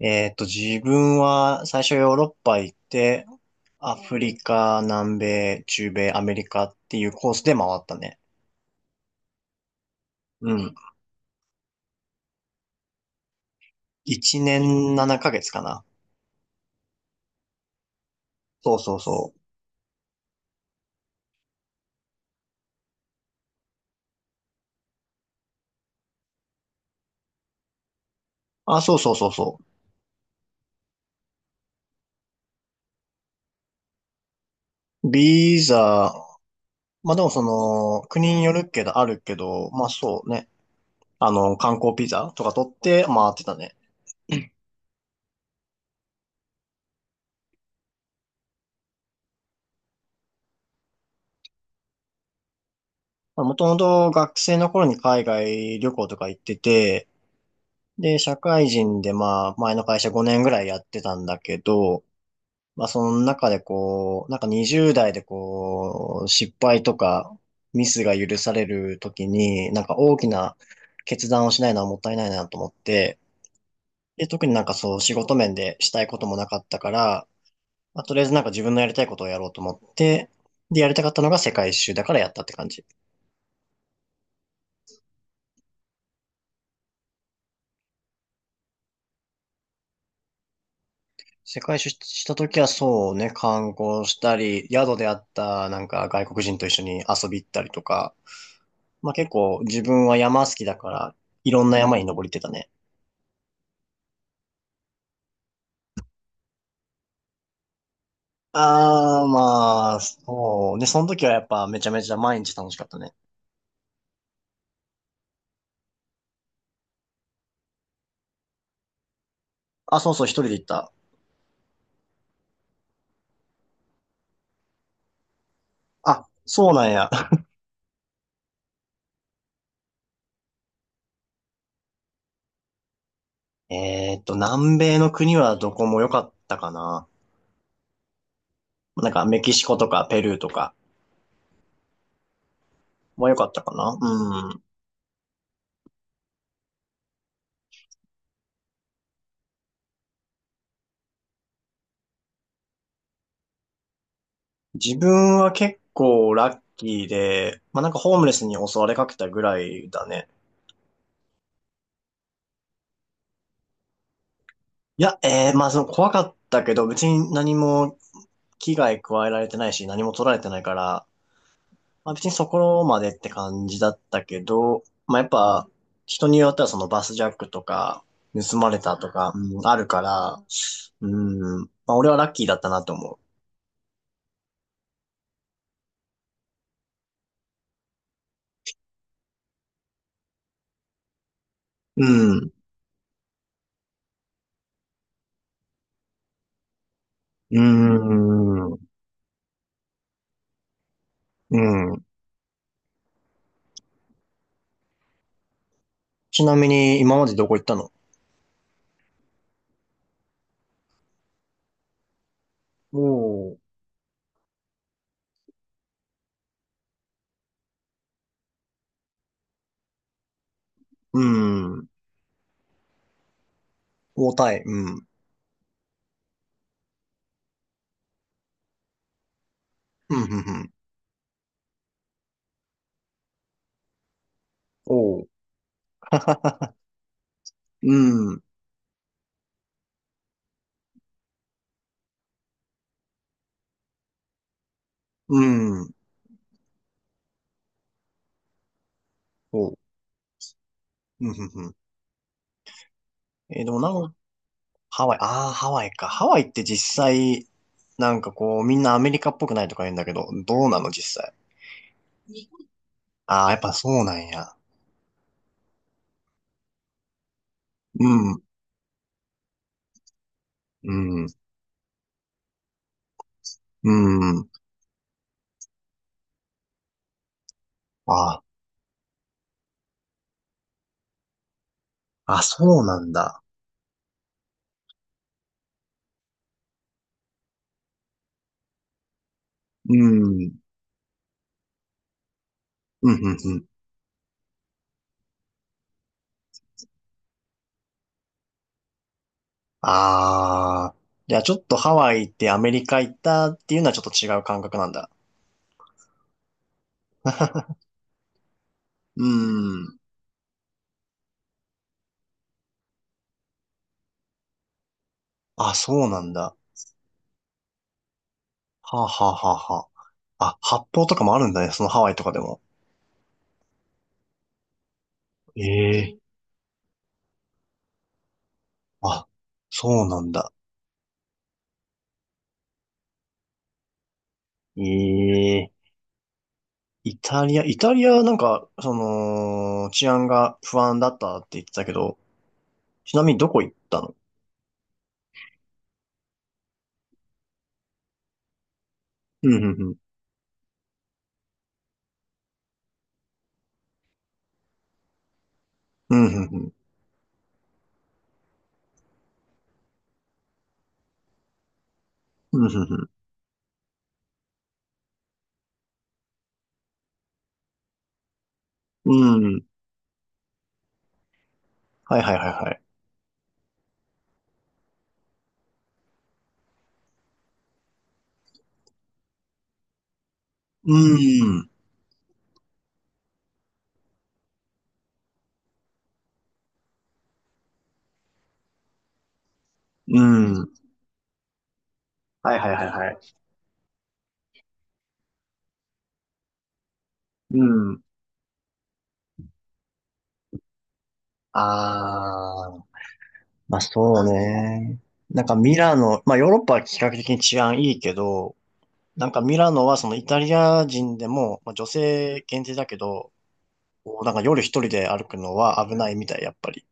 自分は最初ヨーロッパ行って、アフリカ、南米、中米、アメリカっていうコースで回ったね。うん。1年7ヶ月かげつかな。そうそうそう。あ、そうそうそうそう。ビザ、まあでもその、国によるけど、あるけど、まあそうね。観光ビザとか取って回ってたね。もともと学生の頃に海外旅行とか行ってて、で、社会人でまあ、前の会社5年ぐらいやってたんだけど、まあ、その中でこう、なんか20代でこう、失敗とかミスが許されるときに、なんか大きな決断をしないのはもったいないなと思って、で、特になんかそう、仕事面でしたいこともなかったから、まあ、とりあえずなんか自分のやりたいことをやろうと思って、で、やりたかったのが世界一周だからやったって感じ。世界出張した時はそうね、観光したり、宿であったなんか外国人と一緒に遊び行ったりとか、まあ結構自分は山好きだから、いろんな山に登りってたね。ああ、まあ、そう。で、その時はやっぱめちゃめちゃ毎日楽しかったね。あ、そうそう、一人で行った。あ、そうなんや。南米の国はどこも良かったかな。なんかメキシコとかペルーとかも良かったかな。自分は結構ラッキーで、まあ、なんかホームレスに襲われかけたぐらいだね。いや、まあその怖かったけど、別に何も危害加えられてないし、何も取られてないから、まあ別にそこまでって感じだったけど、まあやっぱ人によってはそのバスジャックとか、盗まれたとか、うん、あるから、うん、まあ俺はラッキーだったなと思う。うん、うん、うん。ちなみに今までどこ行ったの？おー。うん。重たい。うん。うん、うん、うん。おう。うん、うん。おう。うん、うん、うん。でもなんか、ハワイ、ああ、ハワイか。ハワイって実際、なんかこう、みんなアメリカっぽくないとか言うんだけど、どうなの実際？ああ、やっぱそうなんや。うん、うん、うん。ああ、あ、そうなんだ。うん、うん、うん、うん。ああ、じゃあちょっとハワイってアメリカ行ったっていうのはちょっと違う感覚なんだ。うん。あ、そうなんだ。はあ、はあ、はあ、はあ。あ、発泡とかもあるんだね、そのハワイとかでも。ええ、あ、そうなんだ。ええ、イタリアなんか、その、治安が不安だったって言ってたけど、ちなみにどこ行ったの？うん、うん、うん。うん、うん、うん。うん、うん。うん、うん、はいはいはいはい。うん、うん。はいはいはいはい。うん。ああ。まあそうね。なんかミラノ、まあヨーロッパは比較的に治安いいけど、なんかミラノはそのイタリア人でも、まあ、女性限定だけど、こうなんか夜一人で歩くのは危ないみたい、やっぱり。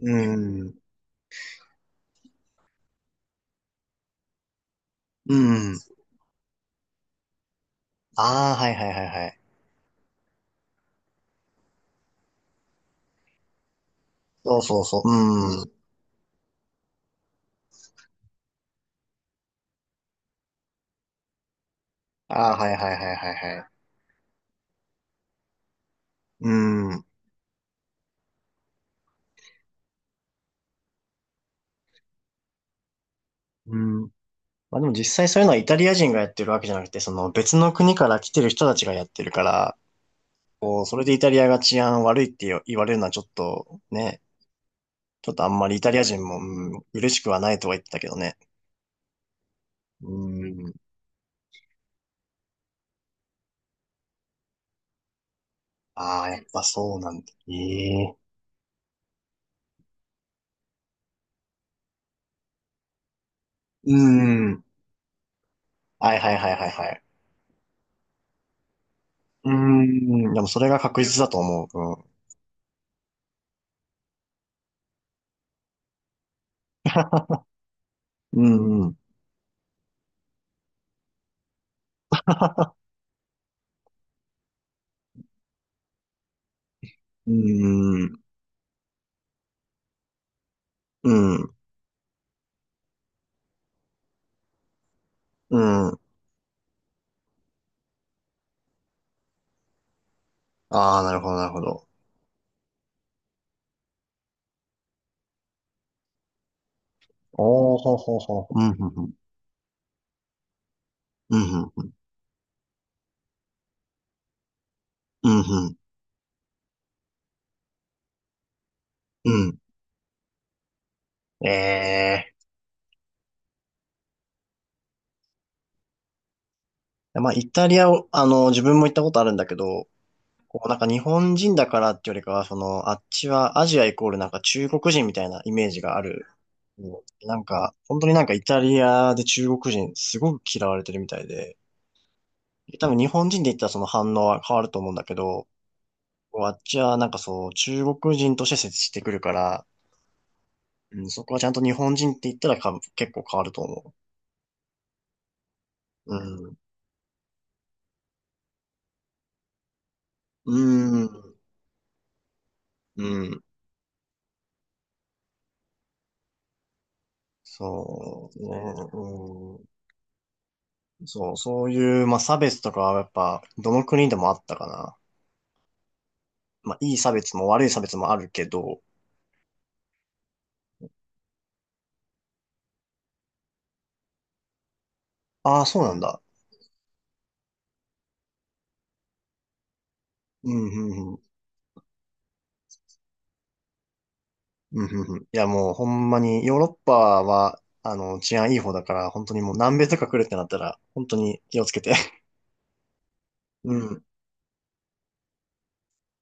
うん。うん。ああ、はいはいはいはい。そうそうそう。うん。ああ、はいはいはいはいはい。うん。うん。まあでも実際そういうのはイタリア人がやってるわけじゃなくて、その別の国から来てる人たちがやってるから、こう、それでイタリアが治安悪いって言われるのはちょっとね、ちょっとあんまりイタリア人も、うん、嬉しくはないとは言ってたけどね。うん。ああ、やっぱそうなんだ。ええ、うん。はいはいはいはいはい。うん。でもそれが確実だと思う。うん。うん、うん。うーん。うん。うん。ああ、なるほど、なるほど。おー、ほうほうほう。うん、ふんふん。うん、ふんふん。うん、ふん。うん。ええ、まあ、イタリアを、自分も行ったことあるんだけど、こうなんか日本人だからってよりかは、あっちはアジアイコールなんか中国人みたいなイメージがある。うん、なんか、本当になんかイタリアで中国人すごく嫌われてるみたいで、多分日本人で言ったらその反応は変わると思うんだけど、こうあっちはなんかそう、中国人として接してくるから、うん、そこはちゃんと日本人って言ったらか結構変わると思う。うん。うん。うん。そうね。そう、そういう、まあ、差別とかはやっぱ、どの国でもあったかな。まあ、いい差別も悪い差別もあるけど、ああ、そうなんだ。うん、うん、うん。うん、うん、うん。いや、もうほんまに、ヨーロッパは、治安いい方だから、本当にもう南米とか来るってなったら、本当に気をつけて。うん。